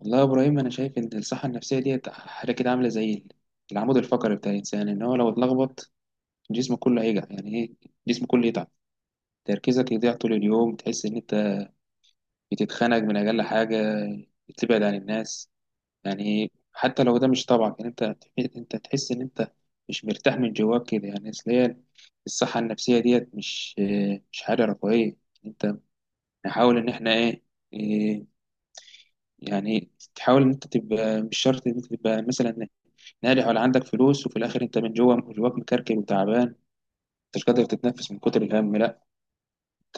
والله يا ابراهيم، انا شايف ان الصحه النفسيه ديت حاجه كده عامله زي العمود الفقري بتاع الانسان، ان هو لو اتلخبط جسمه كله هيجع، يعني ايه، جسمه كله يتعب. تركيزك يضيع طول اليوم، تحس ان انت بتتخنق من اقل حاجه، بتبعد عن الناس. يعني إيه؟ حتى لو ده مش طبعك، يعني انت تحس ان انت مش مرتاح من جواك كده، يعني اصل هي الصحه النفسيه ديت مش حاجه رفاهيه. انت نحاول ان احنا ايه، إيه، يعني تحاول ان انت تبقى، مش شرط ان انت تبقى مثلا ناجح ولا عندك فلوس، وفي الاخر انت من جوه جواك مكركب وتعبان، مش قادر تتنفس من كتر الهم. لا،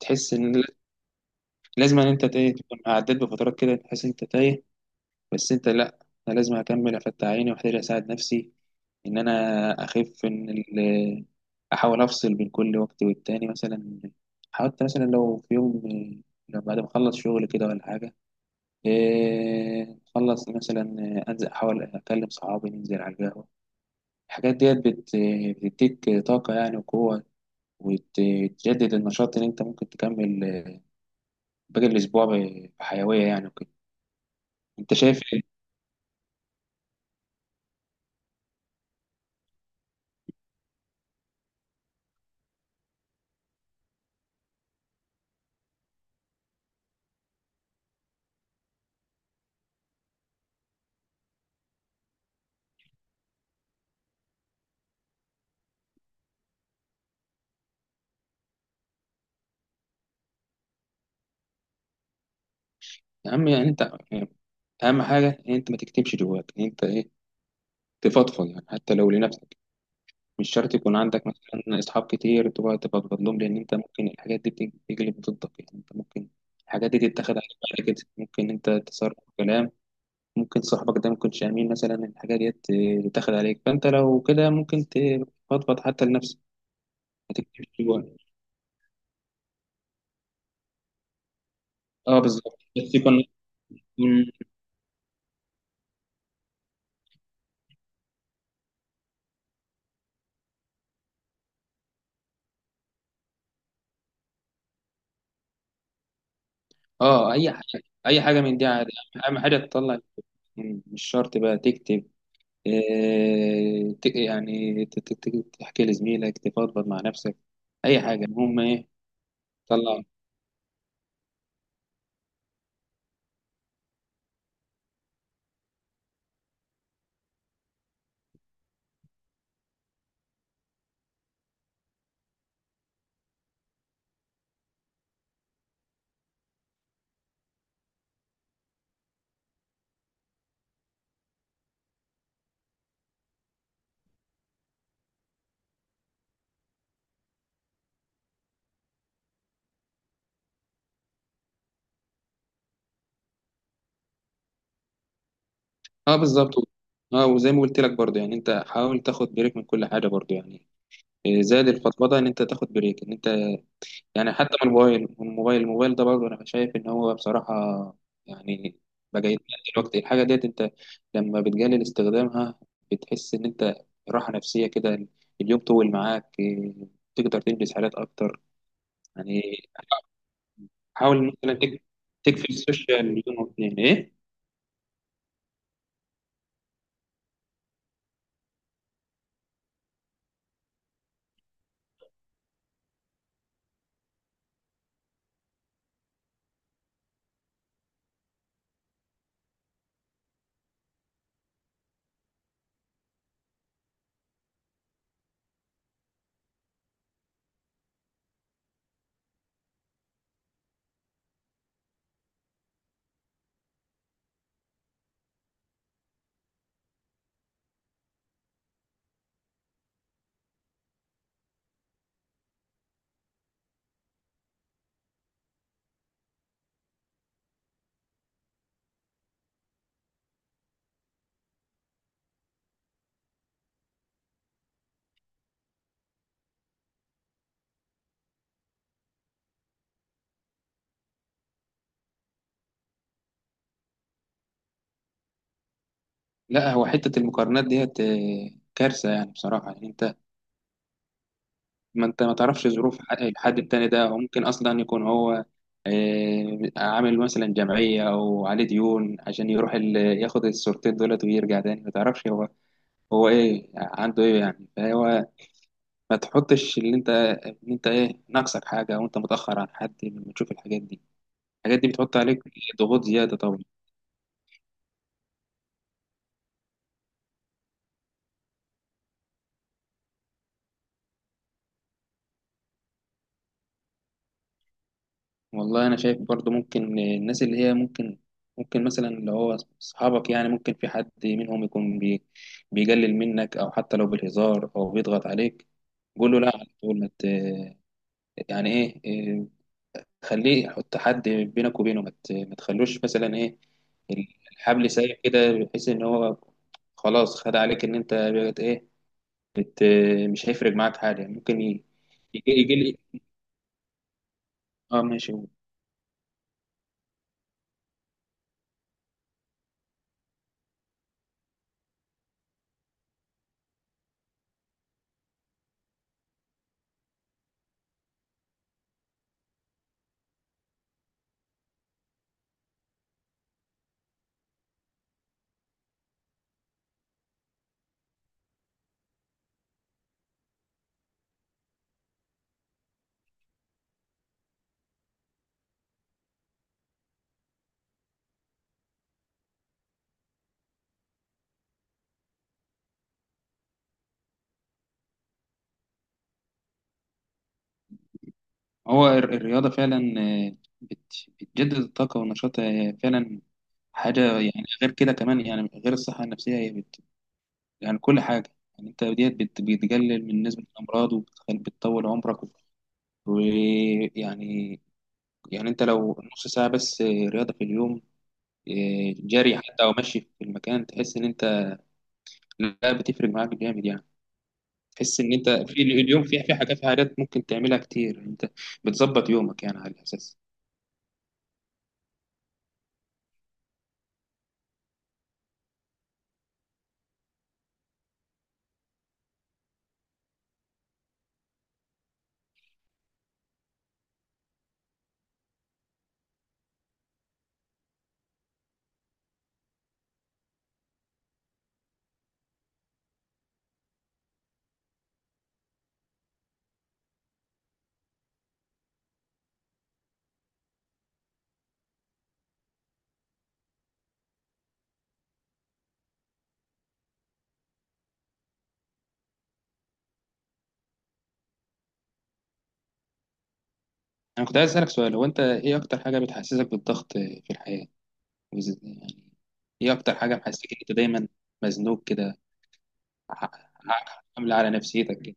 تحس ان لا- لازم ان انت تايه، تكون عديت بفترات كده تحس انت تايه. بس انت لا، انا لازم اكمل افتح عيني واحتاج اساعد نفسي ان انا اخف، ان احاول افصل بين كل وقت والتاني. مثلا حاولت، مثلا لو في يوم، لو بعد ما اخلص شغل كده ولا حاجه، إيه، اخلص مثلا، انزل احاول اكلم صحابي، ننزل على القهوه. الحاجات ديت بتديك طاقة يعني وقوة، وتجدد النشاط اللي انت ممكن تكمل باقي الأسبوع بحيوية يعني وكده. انت شايف ايه؟ أهم يعني انت، أهم حاجة ان انت ما تكتمش جواك، ان انت ايه تفضفض. يعني حتى لو لنفسك، مش شرط يكون عندك مثلا أصحاب كتير تقعد تفضفض لهم، لأن انت ممكن الحاجات دي تجلب ضدك، يعني انت ممكن الحاجات دي تتاخد عليك. بعد كده ممكن انت تصرف كلام، ممكن صاحبك ده ما يكونش امين مثلا، الحاجه ديت آه، تاخد عليك. فانت لو كده ممكن تفضفض حتى لنفسك، ما تكتبش جوه. اه بالظبط، بس يكون، يكون- اه اي حاجه من دي عادي، اهم حاجه تطلع. مش شرط بقى تكتب. يعني تحكي لزميلك، تفضفض مع نفسك، اي حاجه، المهم ايه تطلع. اه بالظبط. اه وزي ما قلت لك برضه، يعني انت حاول تاخد بريك من كل حاجه برضه، يعني آه، زاد الفضفضه ان انت تاخد بريك، ان انت يعني حتى من الموبايل ده برضه انا شايف ان هو بصراحه يعني بقى يتقلل. الوقت الحاجه ديت انت لما بتقلل استخدامها بتحس ان انت راحه نفسيه كده، اليوم طول معاك، إيه، تقدر تنجز حاجات اكتر يعني. حاول مثلا تقفل السوشيال يوم او اتنين، ايه. لا، هو حته المقارنات ديت إيه، كارثه يعني بصراحه يعني. ما انت ما تعرفش ظروف الحد التاني ده، وممكن اصلا يكون هو آه، عامل مثلا جمعية او عليه ديون عشان يروح ياخد الصورتين دولت ويرجع تاني. ما تعرفش هو، هو ايه عنده ايه يعني، فهو ما تحطش اللي انت ان انت ايه ناقصك حاجة او انت متأخر عن حد لما تشوف الحاجات دي. الحاجات دي بتحط عليك ضغوط زيادة طبعا. والله انا شايف برضو ممكن الناس اللي هي ممكن، مثلا اللي هو اصحابك، يعني ممكن في حد منهم يكون بيقلل منك، او حتى لو بالهزار او بيضغط عليك. قول له لا، تقول ما ت- يعني ايه إيه، خليه يحط حد بينك وبينه، ما تخلوش مثلا ايه الحبل سايب كده بحيث ان هو خلاص خد عليك ان انت بقت ايه، بت، مش هيفرق معاك حاجه. ممكن يجي، يجي لي. اه ماشي. هو الرياضة فعلا آه، بتجدد الطاقة والنشاط آه، فعلا. حاجة يعني، غير كده كمان، يعني غير الصحة النفسية، هي يعني كل حاجة، يعني أنت ديت بتقلل من نسبة الأمراض، بتطول عمرك ويعني. يعني أنت لو نص ساعة بس آه، رياضة في اليوم، آه، جري حتى أو مشي في المكان، تحس إن أنت لا، بتفرق معاك جامد يعني. تحس إن أنت في اليوم في حاجات ممكن تعملها كتير، أنت بتظبط يومك يعني على الأساس. انا كنت عايز اسالك سؤال، هو انت ايه اكتر حاجه بتحسسك بالضغط في الحياه؟ يعني ايه اكتر حاجه محسسك ان انت دايما مزنوق كده، ع- عامله على نفسيتك كده؟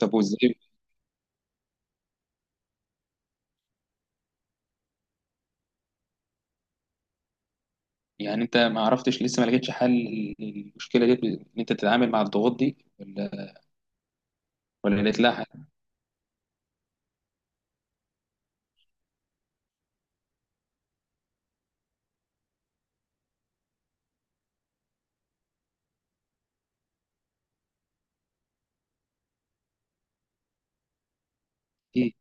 طب وازاي يعني؟ انت ما عرفتش لسه، ما لقيتش حل للمشكله دي ان انت تتعامل مع الضغوط دي، ولا، ولا لقيت لها حل؟ ايه.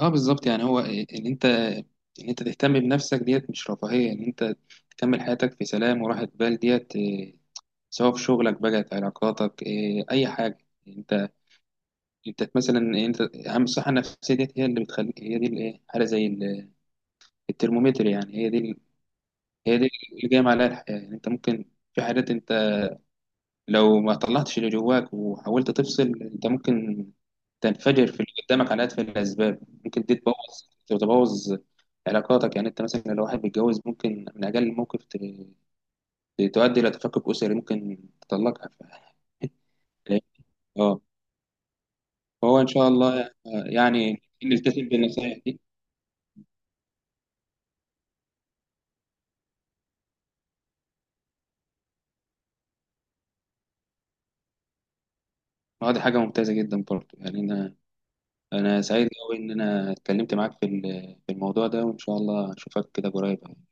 اه بالظبط، يعني هو ان انت ان انت تهتم بنفسك ديت مش رفاهيه، ان انت تكمل حياتك في سلام وراحه بال ديت إيه، سواء في شغلك بقى، في علاقاتك، إيه، اي حاجه. انت انت مثلا إيه، انت اهم الصحه النفسيه ديت هي اللي بتخلي، هي دي الايه، حاله زي الترمومتر يعني، هي دي اللي جايه عليها الحياه. يعني انت ممكن في حاجات انت لو ما طلعتش اللي جواك وحاولت تفصل، انت ممكن تنفجر في اللي قدامك على اتفه الاسباب. ممكن دي تبوظ علاقاتك، يعني انت مثلا لو واحد بيتجوز ممكن من اجل موقف تؤدي الى تفكك اسري، ممكن تطلقها، اه فهو ان شاء الله، يعني نلتزم بالنصائح دي. اه دي حاجة ممتازة جدا برضه، يعني أنا سعيد أوي إن أنا اتكلمت معاك في في الموضوع ده، وإن شاء الله أشوفك كده قريب يعني.